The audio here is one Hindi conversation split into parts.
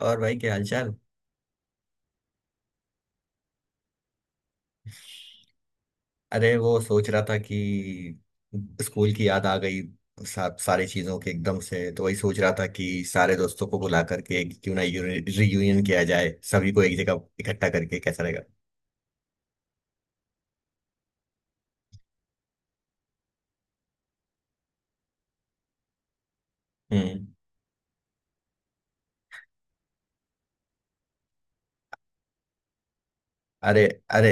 और भाई क्या हालचाल। अरे वो सोच रहा था कि स्कूल की याद आ गई। सारी चीजों के एकदम से तो वही सोच रहा था कि सारे दोस्तों को बुला करके कि क्यों ना रियूनियन किया जाए, सभी को एक जगह इकट्ठा करके कैसा रहेगा। हम्म। अरे, अरे,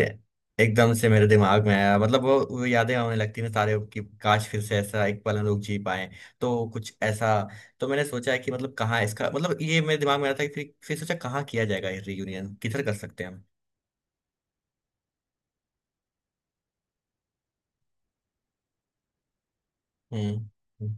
एकदम से मेरे दिमाग में आया, मतलब वो यादें आने लगती हैं सारे कि काश फिर से ऐसा एक पल हम लोग जी पाए, तो कुछ ऐसा। तो मैंने सोचा है कि मतलब कहाँ, इसका मतलब ये मेरे दिमाग में आया था कि फिर सोचा कहाँ किया जाएगा ये रियूनियन, किधर कर सकते हैं हम। हम्म।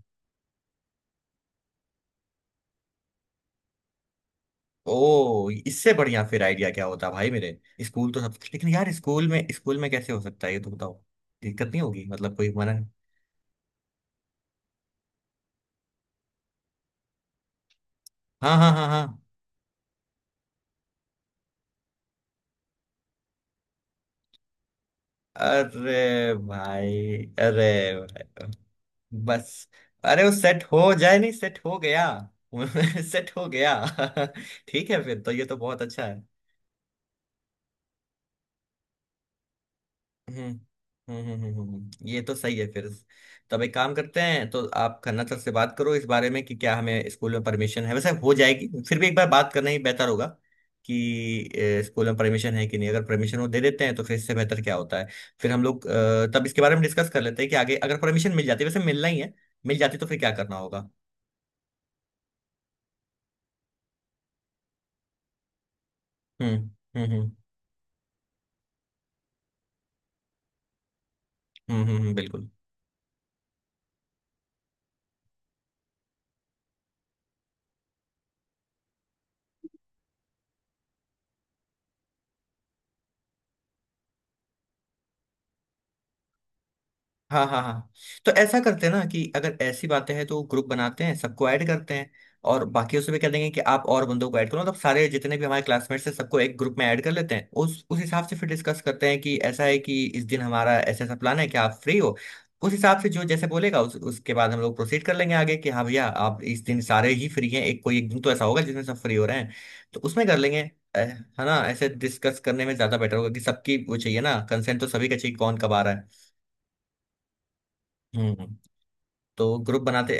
ओ, इससे बढ़िया फिर आइडिया क्या होता भाई मेरे। स्कूल तो सब, लेकिन यार स्कूल में, स्कूल में कैसे हो सकता है ये तो बताओ, दिक्कत नहीं होगी मतलब कोई मना। हाँ हाँ हाँ हाँ। अरे भाई, अरे भाई, बस। अरे वो सेट हो जाए नहीं, सेट हो गया। सेट हो गया। ठीक है फिर तो, ये तो बहुत अच्छा है। हम्म हम्म, ये तो सही है फिर। तो अब एक काम करते हैं, तो आप खन्ना सर से बात करो इस बारे में कि क्या हमें स्कूल में परमिशन है। वैसे हो जाएगी, फिर भी एक बार बात करना ही बेहतर होगा। कि स्कूल में परमिशन है कि नहीं। अगर परमिशन वो दे देते हैं तो फिर इससे बेहतर क्या होता है। फिर हम लोग तब इसके बारे में डिस्कस कर लेते हैं कि आगे अगर परमिशन मिल जाती है, वैसे मिलना ही है, मिल जाती तो फिर क्या करना होगा। हम्म हम्म, बिल्कुल। हाँ हाँ हाँ। तो ऐसा करते हैं ना कि अगर ऐसी बातें हैं तो ग्रुप बनाते हैं, सबको ऐड करते हैं। और बाकियों से भी कह देंगे कि आप और बंदों को ऐड करो, मतलब सारे जितने भी हमारे क्लासमेट्स हैं सबको एक ग्रुप में ऐड कर लेते हैं, उस हिसाब से फिर डिस्कस करते हैं कि ऐसा है कि इस दिन हमारा ऐसा ऐसा प्लान है कि आप फ्री हो। उस हिसाब से जो जैसे बोलेगा उसके बाद हम लोग प्रोसीड कर लेंगे आगे कि हाँ भैया आप इस दिन सारे ही फ्री हैं, एक कोई एक दिन तो ऐसा होगा जिसमें सब फ्री हो रहे हैं, तो उसमें कर लेंगे। है ना, ऐसे डिस्कस करने में ज्यादा बेटर होगा कि सबकी वो चाहिए ना, कंसेंट तो सभी का चाहिए, कौन कब आ रहा है। हम्म। तो ग्रुप बनाते।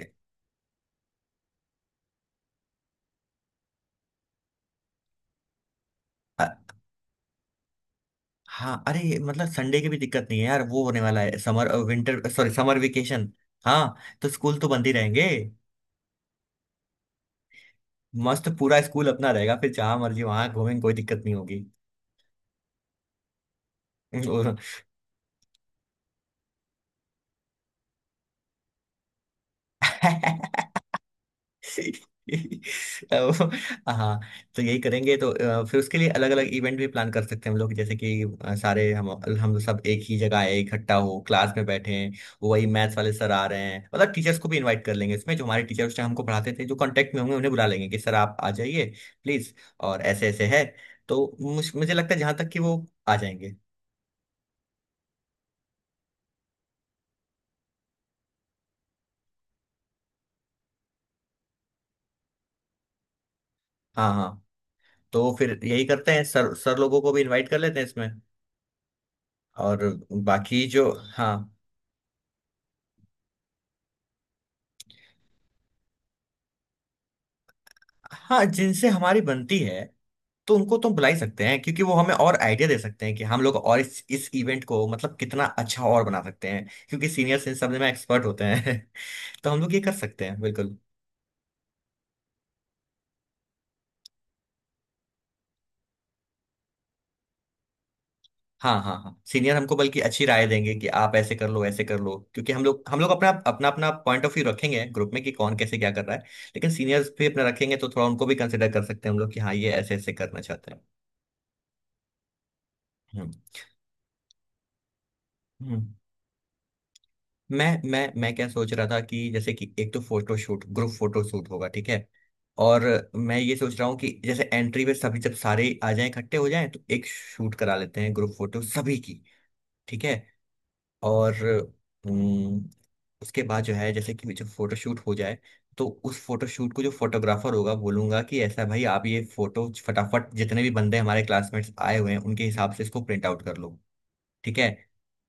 अ- हाँ, अरे ये मतलब संडे की भी दिक्कत नहीं है यार, वो होने वाला है summer winter, sorry, summer vacation. हाँ, तो स्कूल तो बंद ही रहेंगे। मस्त, पूरा स्कूल अपना रहेगा फिर, जहां मर्जी वहां घूमेंगे, कोई दिक्कत नहीं होगी। अब, हाँ, तो यही करेंगे तो फिर उसके लिए अलग अलग इवेंट भी प्लान कर सकते हैं हम लोग। जैसे कि अ, सारे हम सब एक ही जगह आए, इकट्ठा हो, क्लास में बैठे हैं, वही मैथ्स वाले सर आ रहे हैं, मतलब टीचर्स को भी इनवाइट कर लेंगे इसमें, जो हमारे टीचर्स ने हमको पढ़ाते थे, जो कांटेक्ट में होंगे उन्हें बुला लेंगे कि सर आप आ जाइए, प्लीज। और ऐसे ऐसे है। तो मुझे लगता है जहाँ तक कि वो आ जाएंगे। हाँ हाँ। तो फिर यही करते हैं, सर सर लोगों को भी इनवाइट कर लेते हैं इसमें। और बाकी जो, हाँ, हाँ जिनसे हमारी बनती है तो उनको तो बुला ही सकते हैं, क्योंकि वो हमें और आइडिया दे सकते हैं कि हम लोग और इस इवेंट को मतलब कितना अच्छा और बना सकते हैं, क्योंकि सीनियर्स इन सब में एक्सपर्ट होते हैं। तो हम लोग ये कर सकते हैं बिल्कुल। हाँ हाँ हाँ, सीनियर हमको बल्कि अच्छी राय देंगे कि आप ऐसे कर लो, ऐसे कर लो, क्योंकि हम लोग अपना अपना अपना पॉइंट ऑफ व्यू रखेंगे ग्रुप में कि कौन कैसे क्या कर रहा है। लेकिन सीनियर्स भी अपना रखेंगे तो थोड़ा उनको भी कंसिडर कर सकते हैं हम लोग कि हाँ, ये ऐसे ऐसे करना चाहते हैं। हम्म। हम्म। मैं क्या सोच रहा था कि जैसे कि एक तो photo shoot, group photo shoot होगा, ठीक है। और मैं ये सोच रहा हूँ कि जैसे एंट्री पे सभी जब सारे आ जाएं, इकट्ठे हो जाएं, तो एक शूट करा लेते हैं ग्रुप फोटो सभी की, ठीक है। और हम्म, उसके बाद जो है जैसे कि जो फोटो शूट हो जाए, तो उस फोटो शूट को, जो फोटोग्राफर होगा बोलूंगा कि ऐसा भाई आप ये फोटो फटाफट जितने भी बंदे हमारे क्लासमेट्स आए हुए हैं उनके हिसाब से इसको प्रिंट आउट कर लो, ठीक है।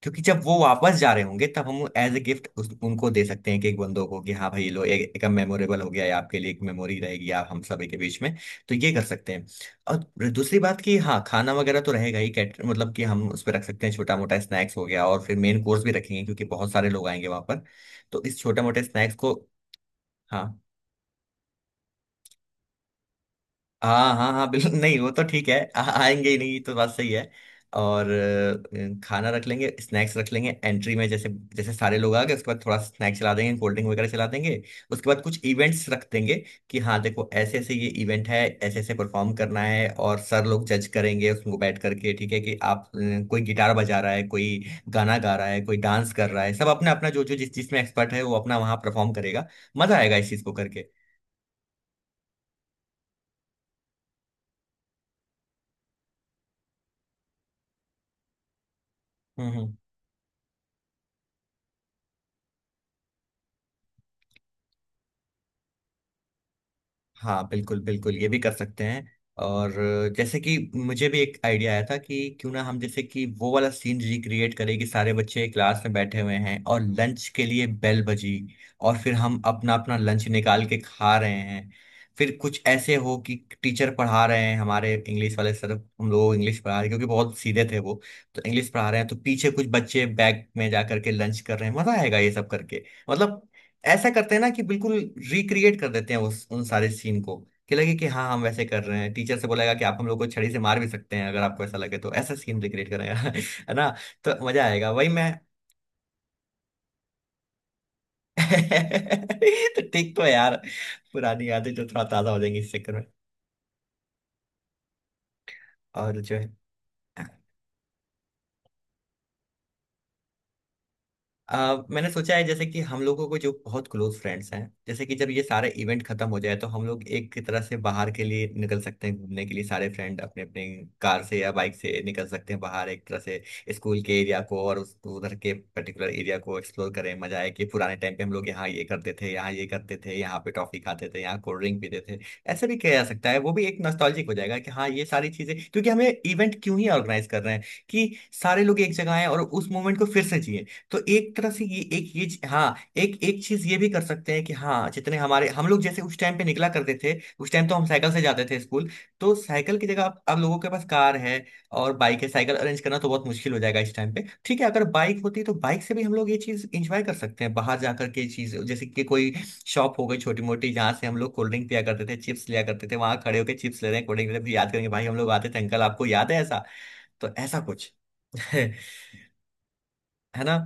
क्योंकि जब वो वापस जा रहे होंगे तब हम एज ए गिफ्ट उनको दे सकते हैं कि एक बंदों को कि हाँ भाई ये लो, एक मेमोरेबल हो गया, ये आपके लिए एक मेमोरी रहेगी, आप हम सभी के बीच में। तो ये कर सकते हैं। और दूसरी बात कि हाँ, खाना वगैरह तो रहेगा ही, कैटर मतलब कि हम उस पर रख सकते हैं, छोटा मोटा स्नैक्स हो गया और फिर मेन कोर्स भी रखेंगे, क्योंकि बहुत सारे लोग आएंगे वहां पर। तो इस छोटे मोटे स्नैक्स को। हाँ हाँ हाँ हाँ, बिल्कुल नहीं, वो तो ठीक है, आएंगे ही नहीं ये तो बात सही है। और खाना रख लेंगे, स्नैक्स रख लेंगे एंट्री में, जैसे जैसे सारे लोग आ गए उसके बाद थोड़ा स्नैक्स चला देंगे, कोल्ड ड्रिंक वगैरह चला देंगे, उसके बाद कुछ इवेंट्स रख देंगे कि हाँ देखो ऐसे ऐसे ये इवेंट है, ऐसे ऐसे परफॉर्म करना है और सर लोग जज करेंगे उसको बैठ करके, ठीक है कि आप कोई गिटार बजा रहा है, कोई गाना गा रहा है, कोई डांस कर रहा है, सब अपना अपना जो जो जिस चीज में एक्सपर्ट है वो अपना वहाँ परफॉर्म करेगा, मजा आएगा इस चीज को करके। हम्म। हम्म। हाँ बिल्कुल बिल्कुल, ये भी कर सकते हैं। और जैसे कि मुझे भी एक आइडिया आया था कि क्यों ना हम जैसे कि वो वाला सीन रिक्रिएट करें कि सारे बच्चे क्लास में बैठे हुए हैं और लंच के लिए बेल बजी और फिर हम अपना अपना लंच निकाल के खा रहे हैं। फिर कुछ ऐसे हो कि टीचर पढ़ा रहे हैं हमारे इंग्लिश वाले सर, हम लोग इंग्लिश पढ़ा रहे हैं क्योंकि बहुत सीधे थे वो, तो इंग्लिश पढ़ा रहे हैं, तो पीछे कुछ बच्चे बैग में जा करके लंच कर रहे हैं, मजा आएगा ये सब करके। मतलब ऐसा करते हैं ना कि बिल्कुल रिक्रिएट कर देते हैं उस उन सारे सीन को, कि लगे कि हाँ हम वैसे कर रहे हैं, टीचर से बोलेगा कि आप हम लोग को छड़ी से मार भी सकते हैं अगर आपको ऐसा लगे, तो ऐसा सीन रिक्रिएट करेगा है ना। तो मजा आएगा, वही मैं। तो ठीक तो है यार, पुरानी यादें जो थोड़ा ताजा हो जाएंगी इस चक्कर में। और जो है, मैंने सोचा है जैसे कि हम लोगों को जो बहुत क्लोज फ्रेंड्स हैं जैसे कि जब ये सारे इवेंट खत्म हो जाए तो हम लोग एक तरह से बाहर के लिए निकल सकते हैं घूमने के लिए, सारे फ्रेंड अपने अपने कार से या बाइक से निकल सकते हैं बाहर, एक तरह से स्कूल के एरिया को और उस उधर के पर्टिकुलर एरिया को एक्सप्लोर करें, मजा आए कि पुराने टाइम पे हम लोग यहाँ ये करते थे, यहाँ ये करते थे, यहाँ पे टॉफी खाते थे, यहाँ कोल्ड ड्रिंक पीते थे। ऐसा भी किया जा सकता है, वो भी एक नॉस्टैल्जिक हो जाएगा कि हाँ ये सारी चीजें, क्योंकि हमें इवेंट क्यों ही ऑर्गेनाइज कर रहे हैं, कि सारे लोग एक जगह आए और उस मोमेंट को फिर से जिए। तो एक तरह से ये एक हाँ, एक एक चीज ये भी कर सकते हैं कि हाँ, जितने हमारे हम लोग जैसे उस टाइम पे निकला करते थे, उस टाइम तो हम साइकिल से जाते थे स्कूल, तो साइकिल की जगह अब लोगों के पास कार है और बाइक है। साइकिल अरेंज करना तो बहुत मुश्किल हो जाएगा इस टाइम पे, ठीक है, अगर बाइक होती तो बाइक से भी हम लोग ये चीज इंजॉय कर सकते हैं बाहर जाकर के, चीज जैसे कि कोई शॉप हो गई छोटी मोटी, जहाँ से हम लोग कोल्ड ड्रिंक पिया करते थे, चिप्स लिया करते थे, वहां खड़े होकर चिप्स ले रहे हैं, कोल्ड ड्रिंक ले रहे हैं, फिर याद करेंगे भाई हम लोग आते थे, अंकल आपको याद है ऐसा, तो ऐसा कुछ। है ना।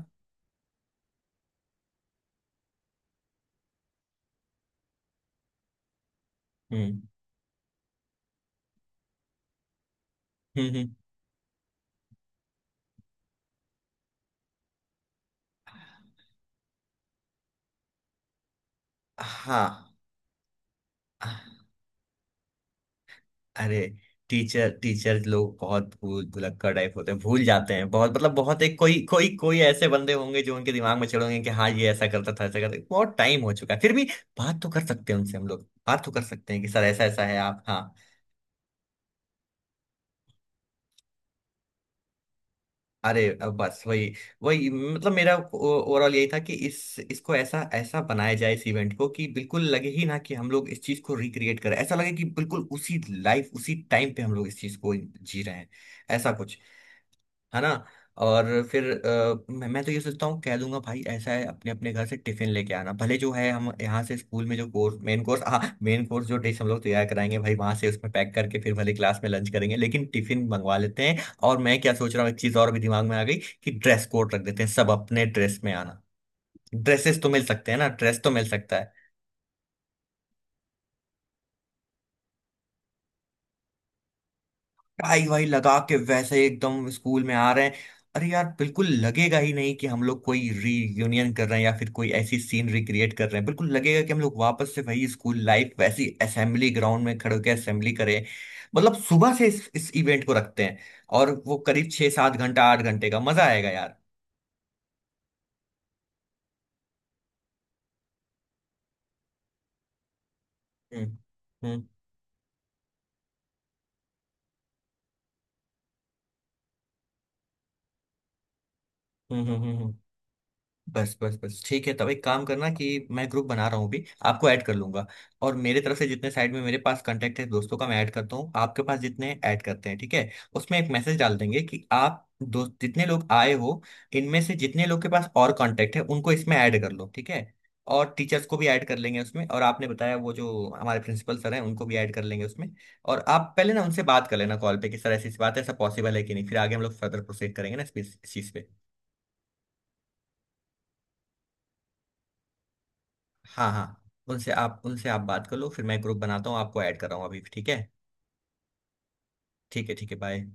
हम्म हम्म। हाँ। अरे टीचर, टीचर लोग बहुत भूल भुलक्कड़ टाइप होते हैं, भूल जाते हैं बहुत, मतलब बहुत, एक कोई कोई कोई ऐसे बंदे होंगे जो उनके दिमाग में चढ़ोगे कि हाँ ये ऐसा करता था, ऐसा करता था। बहुत टाइम हो चुका है फिर भी बात तो कर सकते हैं उनसे, हम लोग बात तो कर सकते हैं कि सर ऐसा ऐसा है, आप, हाँ। अरे अब बस वही, वही मतलब मेरा ओवरऑल यही था कि इस इसको ऐसा ऐसा बनाया जाए इस इवेंट को कि बिल्कुल लगे ही ना कि हम लोग इस चीज को रिक्रिएट करें, ऐसा लगे कि बिल्कुल उसी लाइफ उसी टाइम पे हम लोग इस चीज को जी रहे हैं, ऐसा कुछ। है ना। और फिर मैं तो ये सोचता हूँ कह दूंगा भाई ऐसा है अपने अपने घर से टिफिन लेके आना, भले जो है हम यहाँ से स्कूल में जो कोर्स, मेन कोर्स, हाँ मेन कोर्स जो डिश हम लोग तैयार कराएंगे भाई वहां से उसमें पैक करके, फिर भले क्लास में लंच करेंगे लेकिन टिफिन मंगवा लेते हैं। और मैं क्या सोच रहा हूँ, एक चीज और भी दिमाग में आ गई कि ड्रेस कोड रख देते हैं, सब अपने ड्रेस में आना। ड्रेसेस तो मिल सकते हैं ना, ड्रेस तो मिल सकता है, टाई वाई लगा के वैसे ही एकदम स्कूल में आ रहे हैं। अरे यार, बिल्कुल लगेगा ही नहीं कि हम लोग कोई रीयूनियन कर रहे हैं या फिर कोई ऐसी सीन रिक्रिएट कर रहे हैं, बिल्कुल लगेगा कि हम लोग वापस से वही स्कूल लाइफ, वैसी असेंबली ग्राउंड में खड़े होकर असेंबली करें। मतलब सुबह से इस इवेंट को रखते हैं, और वो करीब छः सात घंटा, आठ घंटे का, मजा आएगा यार। हम्म हम्म हम्म, हम्म, बस बस बस, ठीक है, तब एक काम करना कि मैं ग्रुप बना रहा हूँ अभी, आपको ऐड कर लूंगा। और मेरे तरफ से जितने साइड में मेरे पास कांटेक्ट है दोस्तों का मैं ऐड करता हूँ, आपके पास जितने ऐड करते हैं, ठीक है। उसमें एक मैसेज डाल देंगे कि आप दोस्त जितने लोग आए हो, इनमें से जितने लोग के पास और कांटेक्ट है उनको इसमें ऐड कर लो, ठीक है। और टीचर्स को भी ऐड कर लेंगे उसमें, और आपने बताया वो जो हमारे प्रिंसिपल सर हैं उनको भी ऐड कर लेंगे उसमें। और आप पहले ना उनसे बात कर लेना कॉल पे कि सर ऐसी ऐसी बात है, ऐसा पॉसिबल है कि नहीं, फिर आगे हम लोग फर्दर प्रोसीड करेंगे ना इस चीज़ पे। हाँ हाँ, उनसे आप बात कर लो, फिर मैं ग्रुप बनाता हूँ, आपको ऐड कर रहा हूँ अभी, ठीक है। ठीक है ठीक है, बाय।